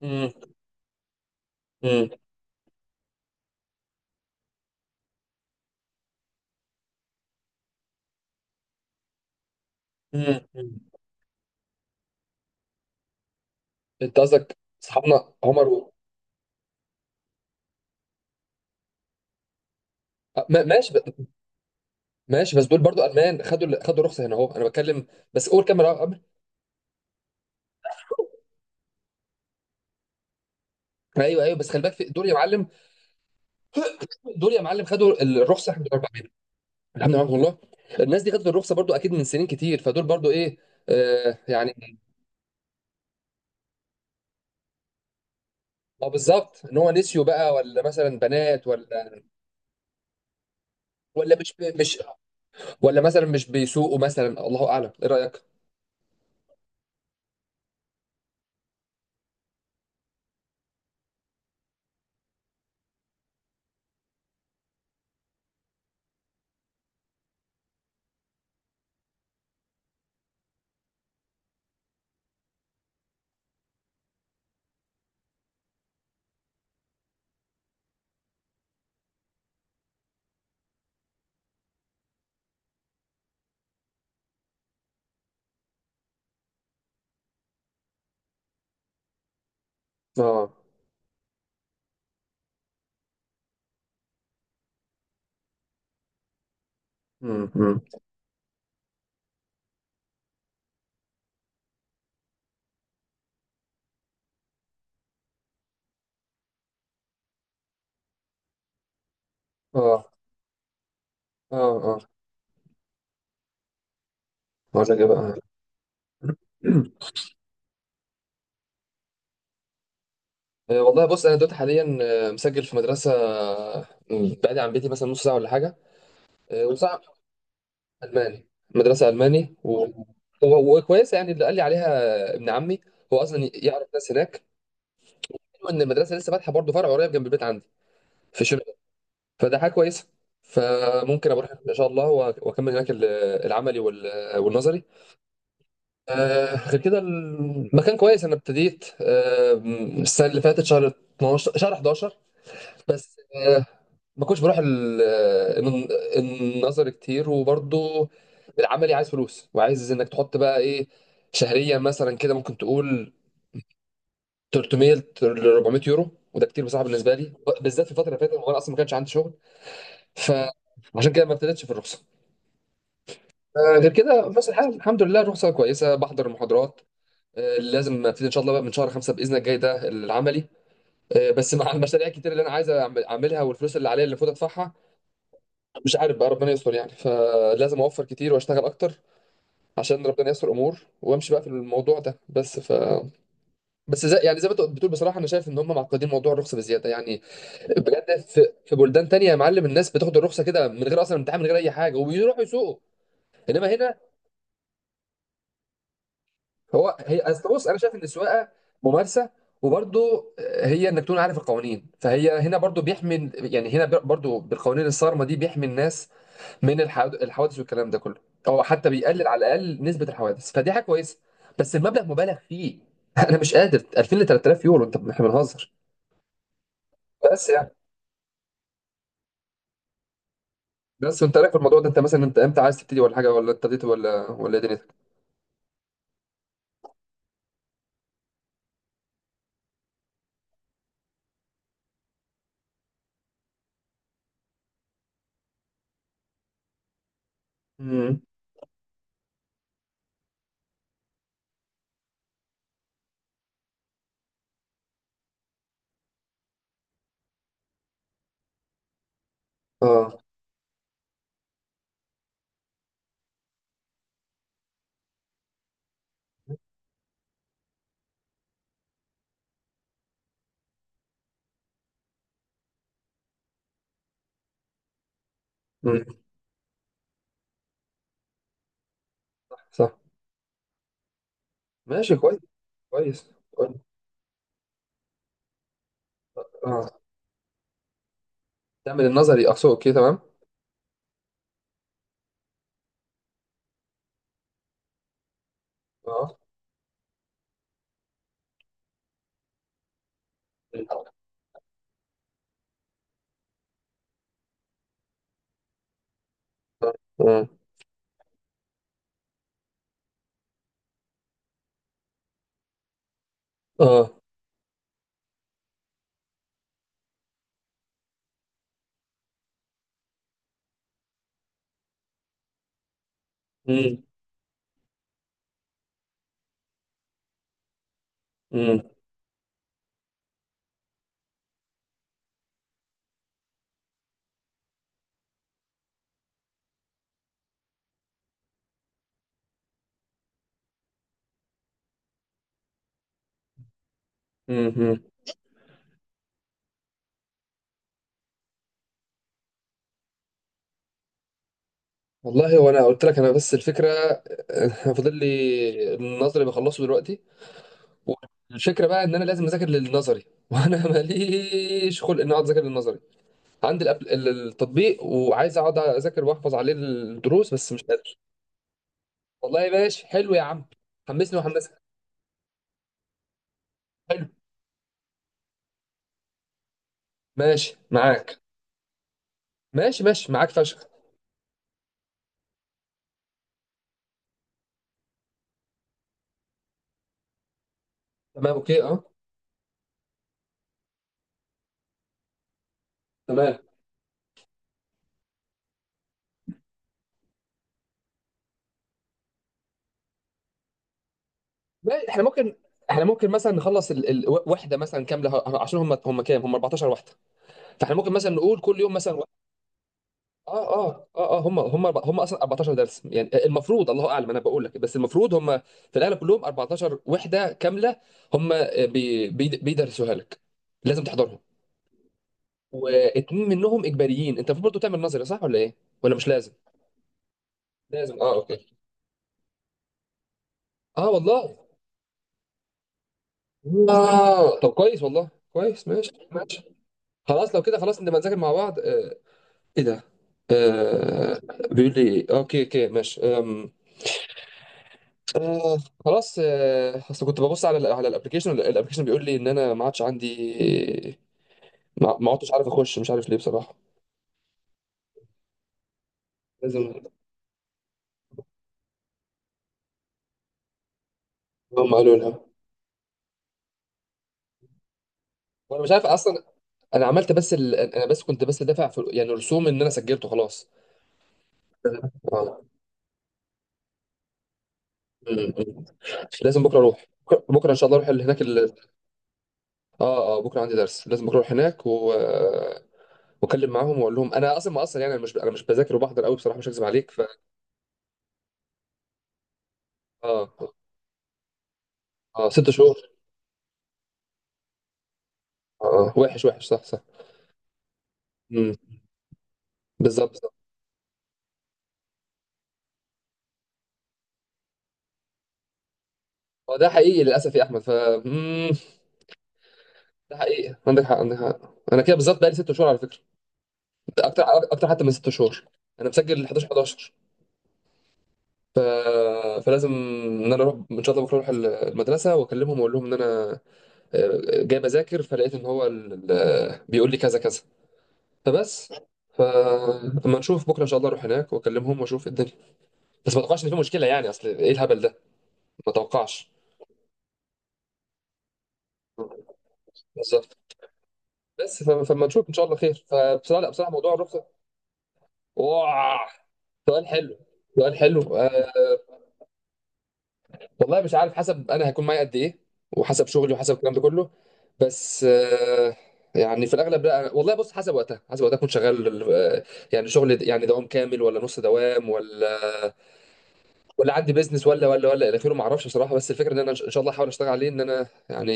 مم. مم. مم. مم. انت قصدك اصحابنا عمر و... آه، ما- ماشي ب... ماشي بس دول برضو المان خدوا الرخصه هنا اهو انا بتكلم. بس قول كام رقم قبل. ايوه ايوه، بس خلي بالك دول يا معلم، دول يا معلم خدوا الرخصه، احنا بنقول عليهم. الحمد لله والله. الناس دي خدت الرخصه برضو اكيد من سنين كتير، فدول برضو ايه. يعني اه، بالظبط ان هو نسيوا بقى، ولا مثلا بنات، ولا مش ولا مثلا مش بيسوقوا، مثلا الله اعلم. ايه رايك؟ اه. امم اه، اه، اه. اقول لك ايه بقى؟ والله بص انا دلوقتي حاليا مسجل في مدرسه، يعني بعيد عن بيتي مثلا نص ساعه ولا حاجه. وصعب. الماني. مدرسه الماني. وكويسه يعني، اللي قال لي عليها ابن عمي، هو اصلا يعرف ناس هناك. حلو ان المدرسه لسه فاتحه برضه فرع قريب جنب البيت عندي، في شبرا. فده حاجه كويسه. فممكن اروح ان شاء الله واكمل هناك العملي والنظري. غير كده المكان كويس. انا ابتديت السنه اللي فاتت، شهر 12 شهر 11. بس ما كنتش بروح الن- النظر كتير، وبرضه العملي عايز فلوس. وعايز انك تحط بقى ايه شهريا، مثلا كده ممكن تقول 300 ل 400 يورو، وده كتير بصراحه بالنسبه لي، بالذات في الفتره اللي فاتت، وانا اصلا ما كانش عندي شغل. فعشان كده ما ابتديتش في الرخصه. غير كده في نفس الحال، الحمد لله الرخصه كويسه، بحضر المحاضرات. لازم ابتدي ان شاء الله بقى من شهر خمسه باذن الله الجاي ده العملي. بس مع المشاريع الكتير اللي انا عايز اعملها، والفلوس اللي عليا اللي المفروض ادفعها، مش عارف بقى ربنا يستر يعني. فلازم اوفر كتير واشتغل اكتر عشان ربنا يستر امور، وامشي بقى في الموضوع ده بس ف. بس زي يعني زي ما انت بتقول بصراحه، انا شايف ان هم معقدين موضوع الرخصه بزياده يعني. بجد، في بلدان تانية يا معلم الناس بتاخد الرخصه كده من غير اصلا امتحان، من غير اي حاجه، وبيروحوا يسوقوا. انما هنا، هو هي اصل بص، انا شايف ان السواقه ممارسه، وبرضه هي انك تكون عارف القوانين. فهي هنا برضه بيحمي يعني، هنا برضه بالقوانين الصارمه دي بيحمي الناس من الحوادث والكلام ده كله، او حتى بيقلل على الاقل نسبه الحوادث. فدي حاجه كويسه. بس المبلغ مبالغ فيه. انا مش قادر، 2000 ل 3000 يورو، انت احنا بنهزر. بس يعني، بس وانت رايك في الموضوع ده؟ انت مثلا، انت امتى عايز تبتدي ولا حاجه؟ ولا ابتديت؟ ولا ايه دنيتك؟ امم. اه. امم. صح. ماشي، كويس. كويس. كويس. اه، تعمل النظري اقصد. اوكي، تمام. اه. اه. اه. امم. امم. امم. والله، وانا قلت لك، انا بس الفكره فاضل لي النظري، بخلصه دلوقتي. الفكره بقى ان انا لازم اذاكر للنظري وانا ماليش خلق ان اقعد اذاكر للنظري. عندي التطبيق، وعايز اقعد اذاكر واحفظ عليه الدروس، بس مش قادر. والله ماشي، حلو يا عم. حمسني وحمسك. حلو. ماشي معاك. ماشي ماشي معاك فشخ. تمام، اوكي، اه. تمام. احنا ممكن، احنا ممكن مثلا نخلص وحده مثلا كامله عشان هم كام؟ هم 14 وحده. فاحنا ممكن مثلا نقول كل يوم مثلا. اه، اه، اه، اه. هم اصلا 14 درس يعني، المفروض الله اعلم، انا بقول لك بس المفروض هم في الاغلب كلهم 14 وحده كامله. هم، بي بي بيدرسوها لك، لازم تحضرهم. واتنين منهم اجباريين. انت المفروض برضه تعمل نظري، صح ولا ايه؟ ولا مش لازم؟ لازم، اه. اوكي. اه، والله. آه. طب كويس، والله كويس، ماشي ماشي. خلاص لو كده، خلاص نبقى نذاكر مع بعض آه. ايه ده؟ آه. بيقول لي اوكي اوكي ماشي آم. آه. خلاص. آه، اصل كنت ببص على على الابلكيشن، الابلكيشن بيقول لي ان انا ما عادش عندي. ما عدتش عارف اخش، مش عارف ليه بصراحه. لازم. هم قالوا لها. وانا مش عارف اصلا. انا عملت بس ال... انا بس كنت بس دافع في يعني رسوم ان انا سجلته خلاص. آه. آه. م- م. لازم بكره اروح. بكره ان شاء الله اروح هناك ال... اه اه، بكره عندي درس. لازم بكره اروح هناك و واكلم معاهم واقول لهم انا اصلا، ما اصلا يعني، انا مش بذاكر وبحضر قوي بصراحه، مش هكذب عليك ف. اه. اه، ست شهور. اه. آه. وحش وحش، صح. صح. بالظبط بالظبط. هو ده حقيقي للاسف يا احمد ف. مم، ده حقيقي، عندك حق، عندك حق. انا كده بالظبط بقالي ست شهور على فكره. اكتر، اكتر حتى من ست شهور. انا مسجل 11 11. ف... فلازم ان انا اروح، ان شاء الله بكره اروح المدرسه واكلمهم واقول لهم ان انا جاي بذاكر فلقيت ان هو بيقول لي كذا كذا فبس. فلما نشوف بكره ان شاء الله اروح هناك واكلمهم واشوف إيه الدنيا. بس ما اتوقعش ان في مشكله يعني، اصل ايه الهبل ده. ما اتوقعش. بالظبط. بس فما نشوف ان شاء الله خير. فبصراحه لا، بصراحه موضوع الرخصه. اوه. سؤال حلو. سؤال حلو آه. والله مش عارف، حسب انا هيكون معايا قد ايه، وحسب شغلي، وحسب الكلام ده كله. بس آه. يعني في الاغلب لا، والله بص حسب وقتها، حسب وقتها اكون شغال آه، يعني شغل يعني دوام كامل، ولا نص دوام، ولا عندي بيزنس، ولا الى اخره، ما اعرفش بصراحه. بس الفكره ان انا ان شاء الله احاول اشتغل عليه، ان انا يعني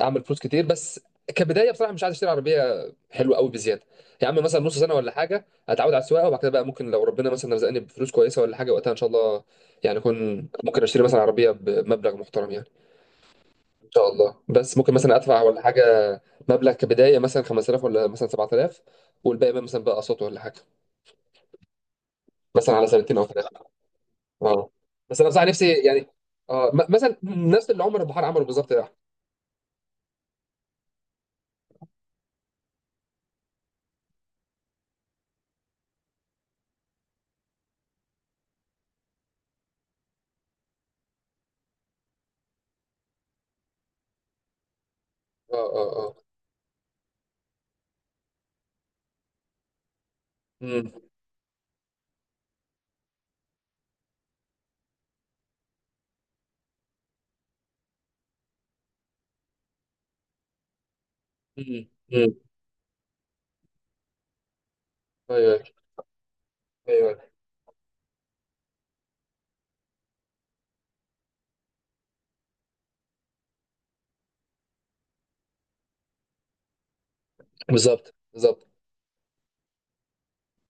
اعمل فلوس كتير. بس كبدايه بصراحه مش عايز اشتري عربيه حلوه قوي بزياده. يا عم مثلا نص سنه ولا حاجه اتعود على السواقه، وبعد كده بقى ممكن لو ربنا مثلا رزقني بفلوس كويسه ولا حاجه، وقتها ان شاء الله يعني اكون ممكن اشتري مثلا عربيه بمبلغ محترم يعني، ان شاء الله. بس ممكن مثلا ادفع ولا حاجه مبلغ كبدايه مثلا 5000، ولا مثلا 7000، والباقي بقى مثلا بقى اقساط ولا حاجه، مثلا على سنتين او ثلاثه. اه. بس انا بصراحه نفسي يعني. اه، مثلا نفس اللي عمر البحار عمله بالظبط ده. اه. اه. اه. امم. امم. امم. ايوه ايوه ايوه. بالظبط بالظبط.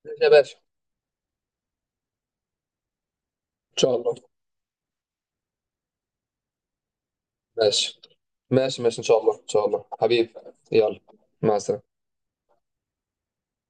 ماشي يا باشا، ان شاء الله. ماشي ماشي، ماشي ان شاء الله. ان شاء الله حبيبي. يلا، مع السلامه.